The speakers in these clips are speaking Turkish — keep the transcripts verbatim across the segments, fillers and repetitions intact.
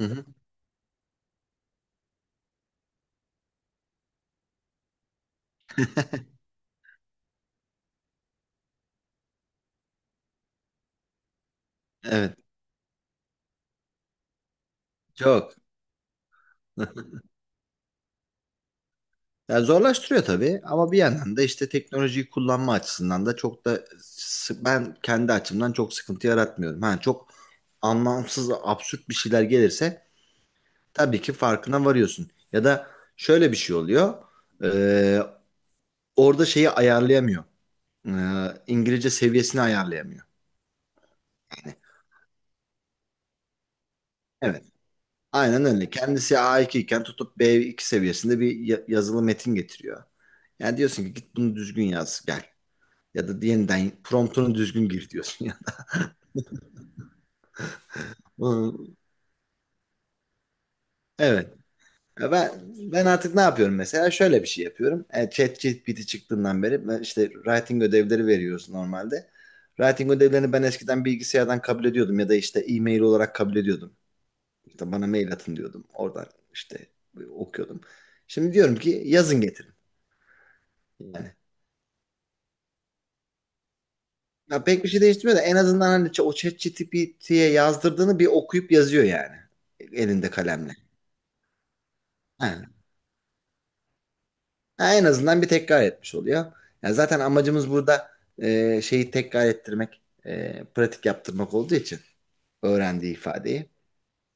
Hı hı. Evet, çok. Ya zorlaştırıyor tabii ama bir yandan da işte teknolojiyi kullanma açısından da çok da sı- ben kendi açımdan çok sıkıntı yaratmıyorum. Ha, çok anlamsız, absürt bir şeyler gelirse tabii ki farkına varıyorsun. Ya da şöyle bir şey oluyor. Ee, orada şeyi ayarlayamıyor. Ee, İngilizce seviyesini ayarlayamıyor. Yani, evet. Aynen öyle. Kendisi a iki iken tutup b iki seviyesinde bir ya- yazılı metin getiriyor. Yani diyorsun ki git bunu düzgün yaz gel. Ya da yeniden promptunu düzgün gir diyorsun ya. Evet. Ya Ben ben artık ne yapıyorum mesela? Şöyle bir şey yapıyorum. E, ChatGPT çıktığından beri ben işte writing ödevleri veriyoruz normalde. Writing ödevlerini ben eskiden bilgisayardan kabul ediyordum ya da işte e-mail olarak kabul ediyordum. İşte bana mail atın diyordum. Oradan işte okuyordum. Şimdi diyorum ki yazın getirin. Yani ya pek bir şey değiştirmiyor da en azından hani ç- o ChatGPT'ye yazdırdığını bir okuyup yazıyor yani elinde kalemle. Ha, Ha, en azından bir tekrar etmiş oluyor. Yani zaten amacımız burada e, şeyi tekrar ettirmek, e, pratik yaptırmak olduğu için öğrendiği ifadeyi.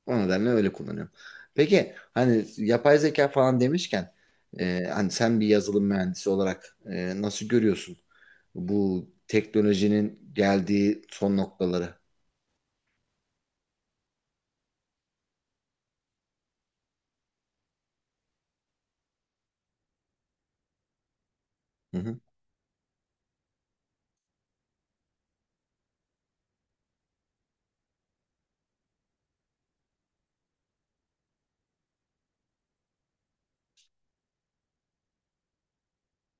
O nedenle öyle kullanıyorum. Peki hani yapay zeka falan demişken e, hani sen bir yazılım mühendisi olarak e, nasıl görüyorsun bu teknolojinin geldiği son noktaları? Hı hı.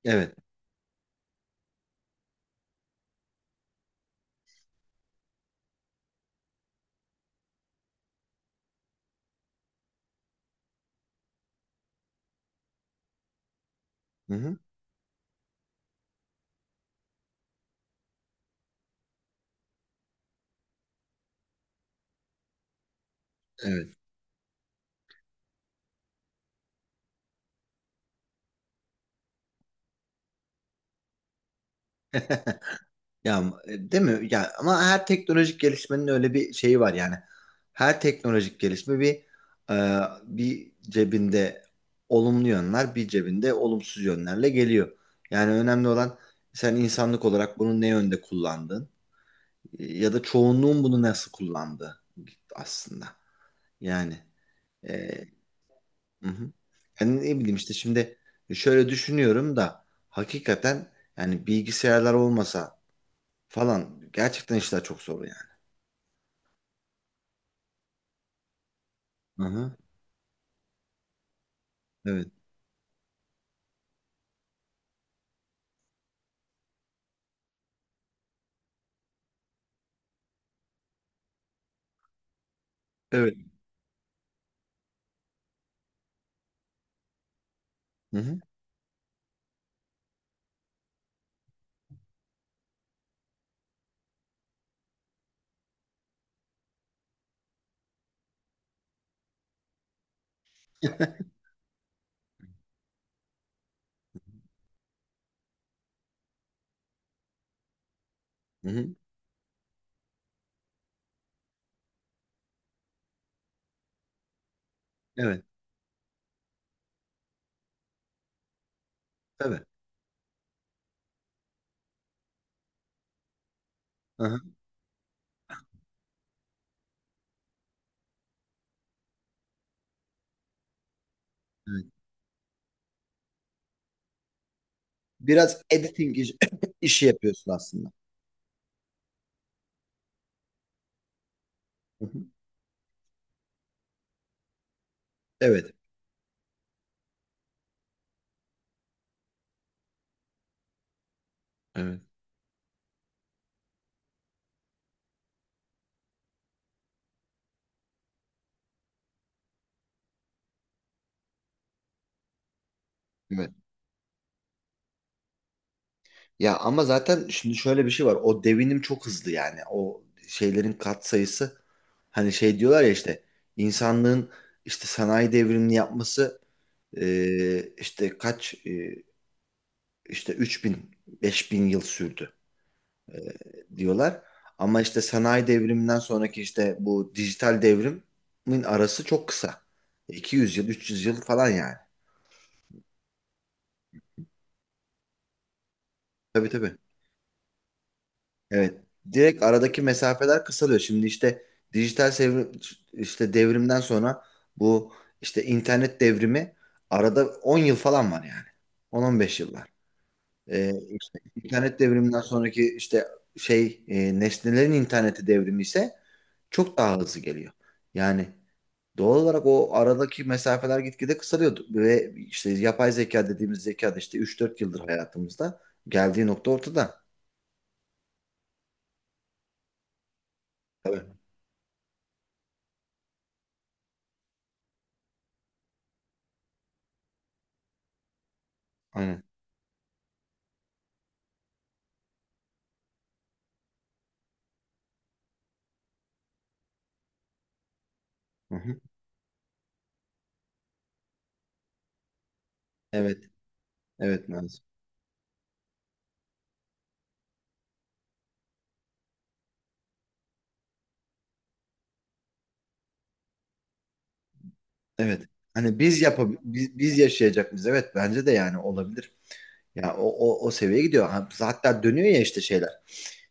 Evet. Hı hı. Evet. Ya e, değil mi? Ya ama her teknolojik gelişmenin öyle bir şeyi var yani. Her teknolojik gelişme bir e, bir cebinde olumlu yönler, bir cebinde olumsuz yönlerle geliyor. Yani önemli olan sen insanlık olarak bunu ne yönde kullandın e, ya da çoğunluğun bunu nasıl kullandığı aslında. Yani e, hı hı. Yani ne bileyim işte şimdi şöyle düşünüyorum da hakikaten yani bilgisayarlar olmasa falan gerçekten işler çok zor. Aha, evet. Evet. Hı hı. Hı hı. Evet. Tabii. Aha, evet. Biraz editing iş- işi yapıyorsun aslında. Hı hı. Evet. Evet. Evet. Ya ama zaten şimdi şöyle bir şey var. O devinim çok hızlı yani. O şeylerin kat sayısı hani şey diyorlar ya işte insanlığın işte sanayi devrimini yapması e, işte kaç e, işte 3000 bin beş bin yıl sürdü. e, diyorlar. Ama işte sanayi devriminden sonraki işte bu dijital devrimin arası çok kısa. iki yüz yıl, üç yüz yıl falan yani. Tabii tabii. Evet. Direkt aradaki mesafeler kısalıyor. Şimdi işte dijital sevri- işte devrimden sonra bu işte internet devrimi arada on yıl falan var yani. on on beş yıllar. Ee, işte internet devriminden sonraki işte şey e, nesnelerin interneti devrimi ise çok daha hızlı geliyor. Yani Doğal olarak o aradaki mesafeler gitgide kısalıyor ve işte yapay zeka dediğimiz zeka da işte üç dört yıldır hayatımızda geldiği nokta ortada. Tabii. Aynen. Hı hı. Evet. Evet Nazım. Evet. Hani biz yapab biz, biz yaşayacak mıyız? Evet bence de yani olabilir. Ya o, o, o seviyeye gidiyor. Ha, Hatta dönüyor ya işte şeyler.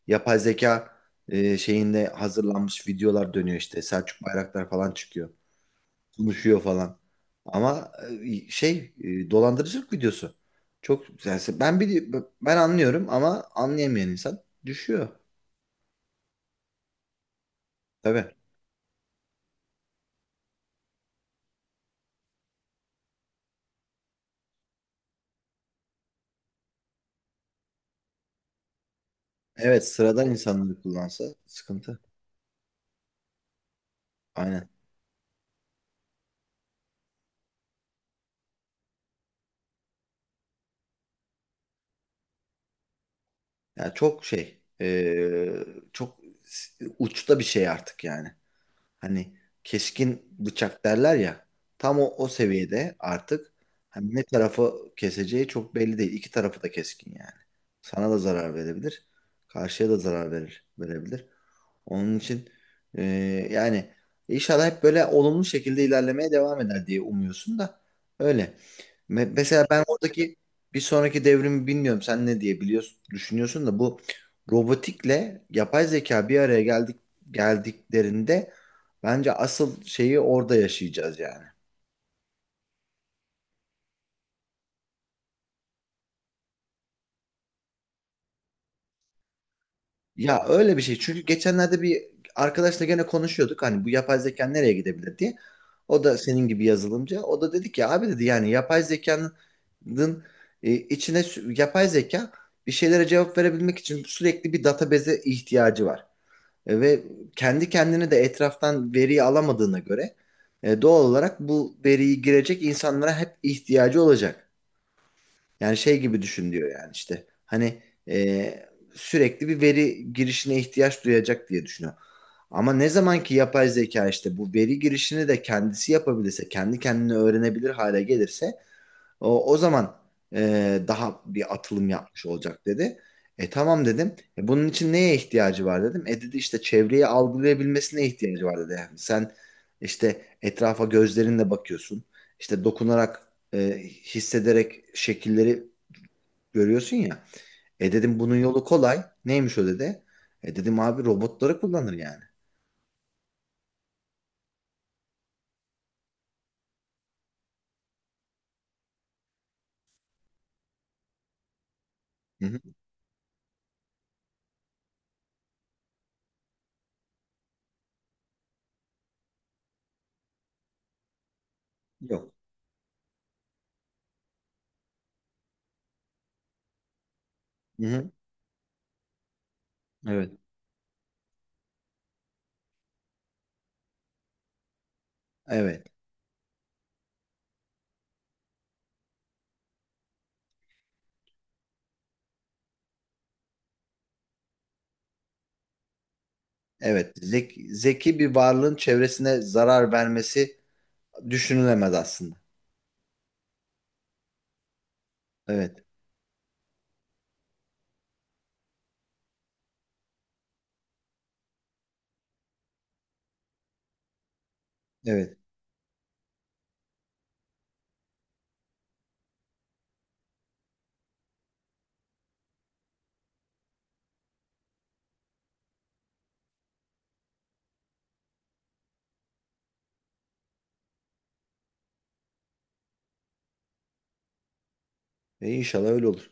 Yapay zeka e, şeyinde hazırlanmış videolar dönüyor işte. Selçuk Bayraktar falan çıkıyor konuşuyor falan. Ama e, şey e, dolandırıcılık videosu. Çok yani ben bili ben anlıyorum ama anlayamayan insan düşüyor. Tabii. Evet sıradan insanları kullansa sıkıntı. Aynen. Yani çok şey e, çok s- uçta bir şey artık yani. Hani keskin bıçak derler ya. Tam o, o seviyede artık hani ne tarafı keseceği çok belli değil. İki tarafı da keskin yani. Sana da zarar verebilir. Karşıya da zarar verir, verebilir. Onun için e, yani inşallah hep böyle olumlu şekilde ilerlemeye devam eder diye umuyorsun da öyle. Me- Mesela ben oradaki bir sonraki devrimi bilmiyorum. Sen ne diye biliyorsun, düşünüyorsun da bu robotikle yapay zeka bir araya geldik geldiklerinde Bence asıl şeyi orada yaşayacağız yani. Ya öyle bir şey. Çünkü geçenlerde bir arkadaşla gene konuşuyorduk. Hani bu yapay zeka nereye gidebilir diye. O da senin gibi yazılımcı. O da dedi ki abi dedi yani yapay zekanın e, içine sü- yapay zeka bir şeylere cevap verebilmek için sürekli bir database'e ihtiyacı var. E, ve kendi kendine de etraftan veriyi alamadığına göre e, doğal olarak bu veriyi girecek insanlara hep ihtiyacı olacak. Yani şey gibi düşün diyor yani işte. Hani e, sürekli bir veri girişine ihtiyaç duyacak diye düşünüyor. Ama ne zaman ki yapay zeka işte bu veri girişini de kendisi yapabilirse, kendi kendini öğrenebilir hale gelirse o, o zaman e, daha bir atılım yapmış olacak dedi. E tamam dedim. E, bunun için neye ihtiyacı var dedim. E dedi işte çevreyi algılayabilmesine ihtiyacı var dedi. Yani sen işte etrafa gözlerinle bakıyorsun. İşte dokunarak, e, hissederek şekilleri görüyorsun ya. E dedim bunun yolu kolay. Neymiş o dedi. E dedim abi robotları kullanır yani. Hı hı. Yok. Hı hı. Evet. Evet. Evet. Zeki, zeki bir varlığın çevresine zarar vermesi düşünülemez aslında. Evet. Evet. E inşallah öyle olur.